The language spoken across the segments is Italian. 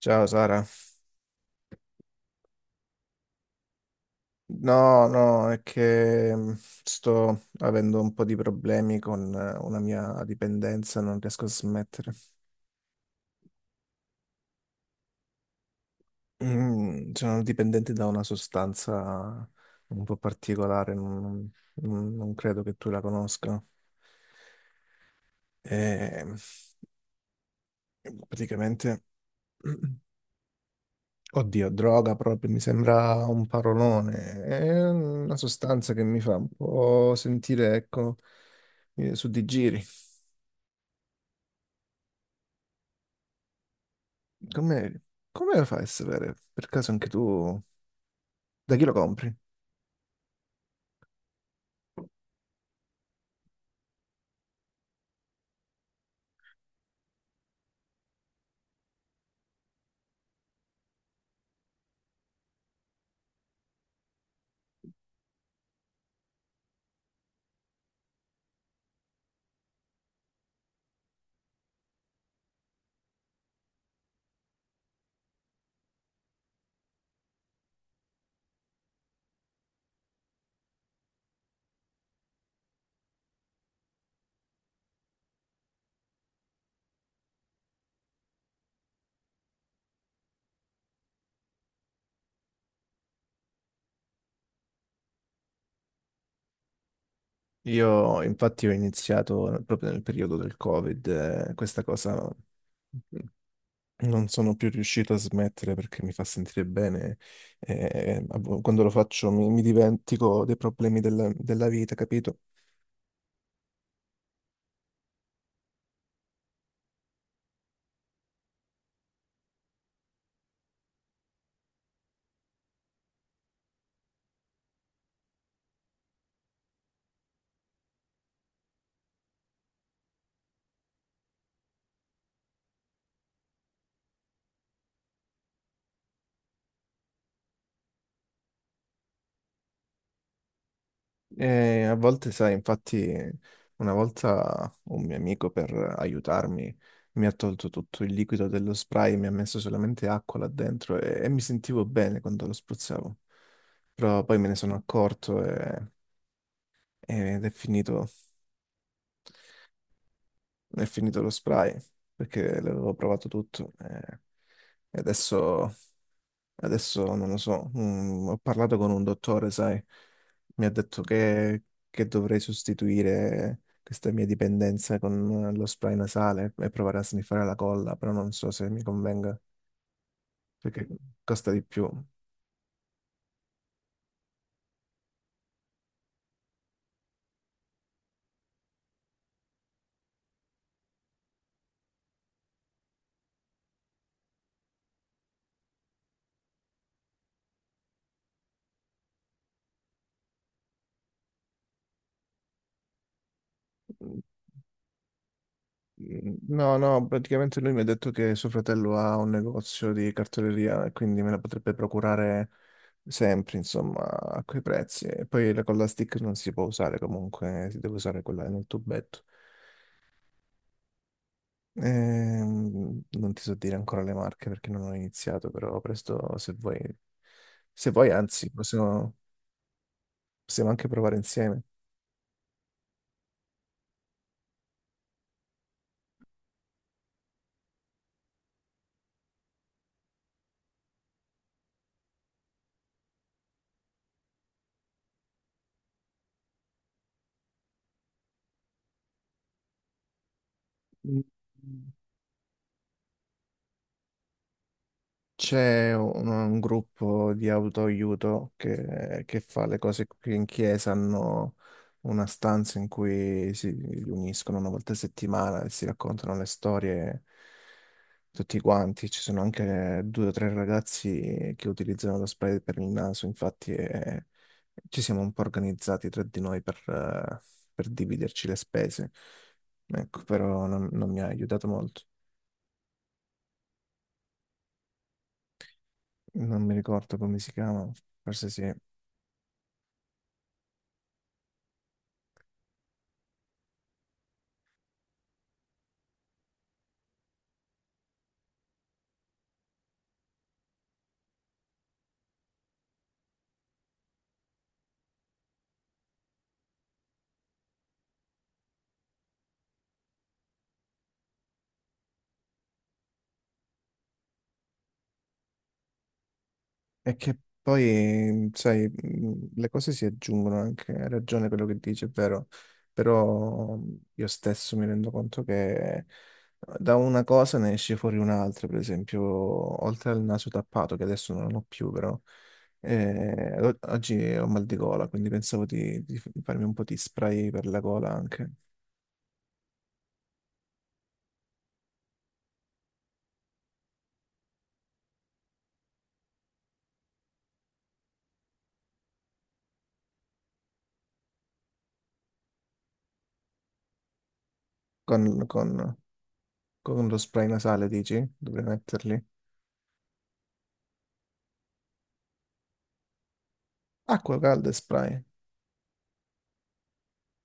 Ciao Sara, no, no, è che sto avendo un po' di problemi con una mia dipendenza, non riesco a smettere. Sono dipendente da una sostanza un po' particolare, non credo che tu la conosca. E, praticamente, oddio, droga proprio, mi sembra un parolone, è una sostanza che mi fa un po' sentire, ecco, su di giri. Come, come lo fai a sapere? Per caso anche tu, da chi lo compri? Io infatti ho iniziato proprio nel periodo del Covid, questa cosa non sono più riuscito a smettere perché mi fa sentire bene. Quando lo faccio mi dimentico dei problemi della vita, capito? E a volte, sai, infatti, una volta un mio amico per aiutarmi mi ha tolto tutto il liquido dello spray, mi ha messo solamente acqua là dentro e mi sentivo bene quando lo spruzzavo. Però poi me ne sono accorto e- Ed è finito. È finito lo spray perché l'avevo provato tutto e adesso, adesso non lo so. Ho parlato con un dottore, sai, mi ha detto che dovrei sostituire questa mia dipendenza con lo spray nasale e provare a sniffare la colla, però non so se mi convenga perché costa di più. Mm, no, no, praticamente lui mi ha detto che suo fratello ha un negozio di cartoleria e quindi me la potrebbe procurare sempre, insomma, a quei prezzi. E poi la colla stick non si può usare comunque, si deve usare quella nel tubetto. Non ti so dire ancora le marche perché non ho iniziato, però presto se vuoi, se vuoi, anzi, possiamo, possiamo anche provare insieme. Mm. C'è un gruppo di autoaiuto che fa le cose qui in chiesa, hanno una stanza in cui si riuniscono una volta a settimana e si raccontano le storie tutti quanti. Ci sono anche due o tre ragazzi che utilizzano lo spray per il naso, infatti ci siamo un po' organizzati tra di noi per dividerci le spese. Ecco, però non mi ha aiutato molto. Non mi ricordo come si chiama, forse sì. È che poi, sai, le cose si aggiungono anche, hai ragione quello che dici, è vero, però io stesso mi rendo conto che da una cosa ne esce fuori un'altra, per esempio, oltre al naso tappato, che adesso non ho più, però oggi ho mal di gola, quindi pensavo di farmi un po' di spray per la gola anche, con, con- con lo spray nasale, dici? Dovrei metterli. Acqua calda e spray.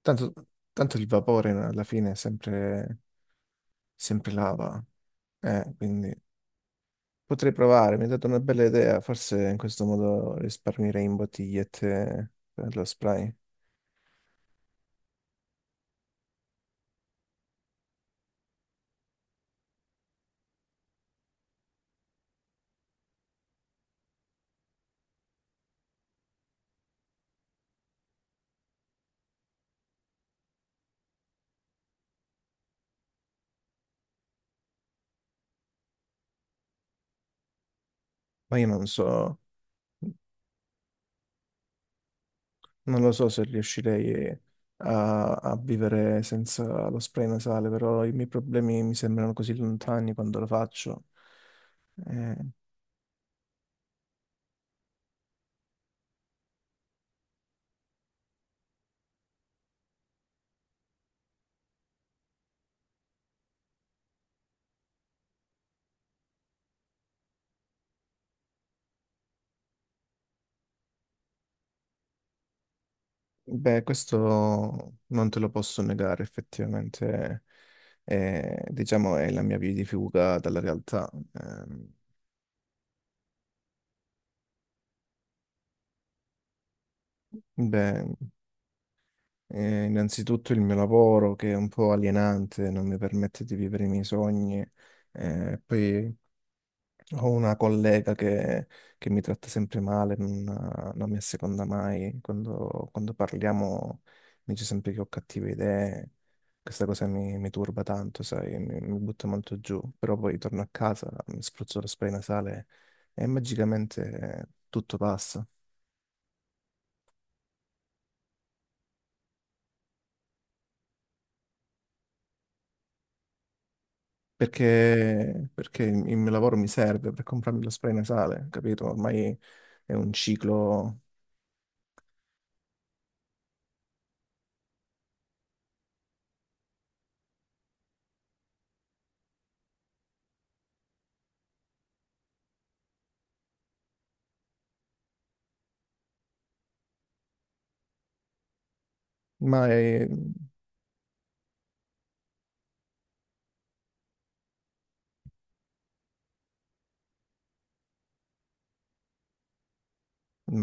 Tanto, tanto il vapore alla fine è sempre, sempre lava, quindi potrei provare, mi hai dato una bella idea, forse in questo modo risparmierei in bottigliette per lo spray, ma io non so, non lo so se riuscirei a vivere senza lo spray nasale, però i miei problemi mi sembrano così lontani quando lo faccio. Eh, Beh, questo non te lo posso negare, effettivamente, diciamo, è la mia via di fuga dalla realtà. Beh, innanzitutto il mio lavoro che è un po' alienante, non mi permette di vivere i miei sogni, poi ho una collega che mi tratta sempre male, non mi asseconda mai. Quando parliamo mi dice sempre che ho cattive idee. Questa cosa mi turba tanto, sai, mi butta molto giù. Però poi torno a casa, mi spruzzo lo spray nasale e magicamente tutto passa. Perché, perché il mio lavoro mi serve per comprarmi lo spray nasale, capito? Ormai è un ciclo, ma è-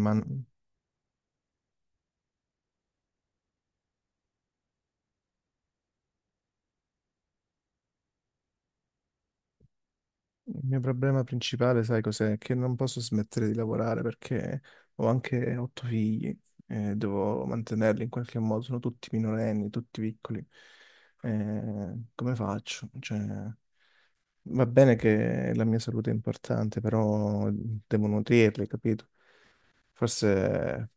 ma il mio problema principale, sai cos'è? Che non posso smettere di lavorare perché ho anche 8 figli e devo mantenerli in qualche modo. Sono tutti minorenni, tutti piccoli. Come faccio? Cioè, va bene che la mia salute è importante, però devo nutrirli, capito? Forse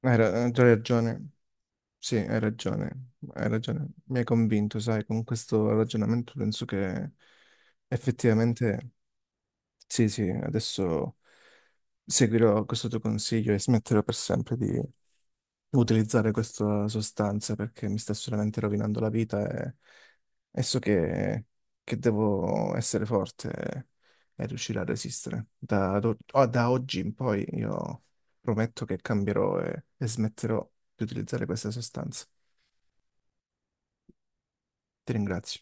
hai già ragione. Sì, hai ragione. Hai ragione. Mi hai convinto, sai, con questo ragionamento penso che effettivamente. Sì, sì, adesso seguirò questo tuo consiglio e smetterò per sempre di utilizzare questa sostanza perché mi sta solamente rovinando la vita e so che devo essere forte e riuscire a resistere. Da, ad o- Da oggi in poi io prometto che cambierò e smetterò di utilizzare questa sostanza. Ti ringrazio.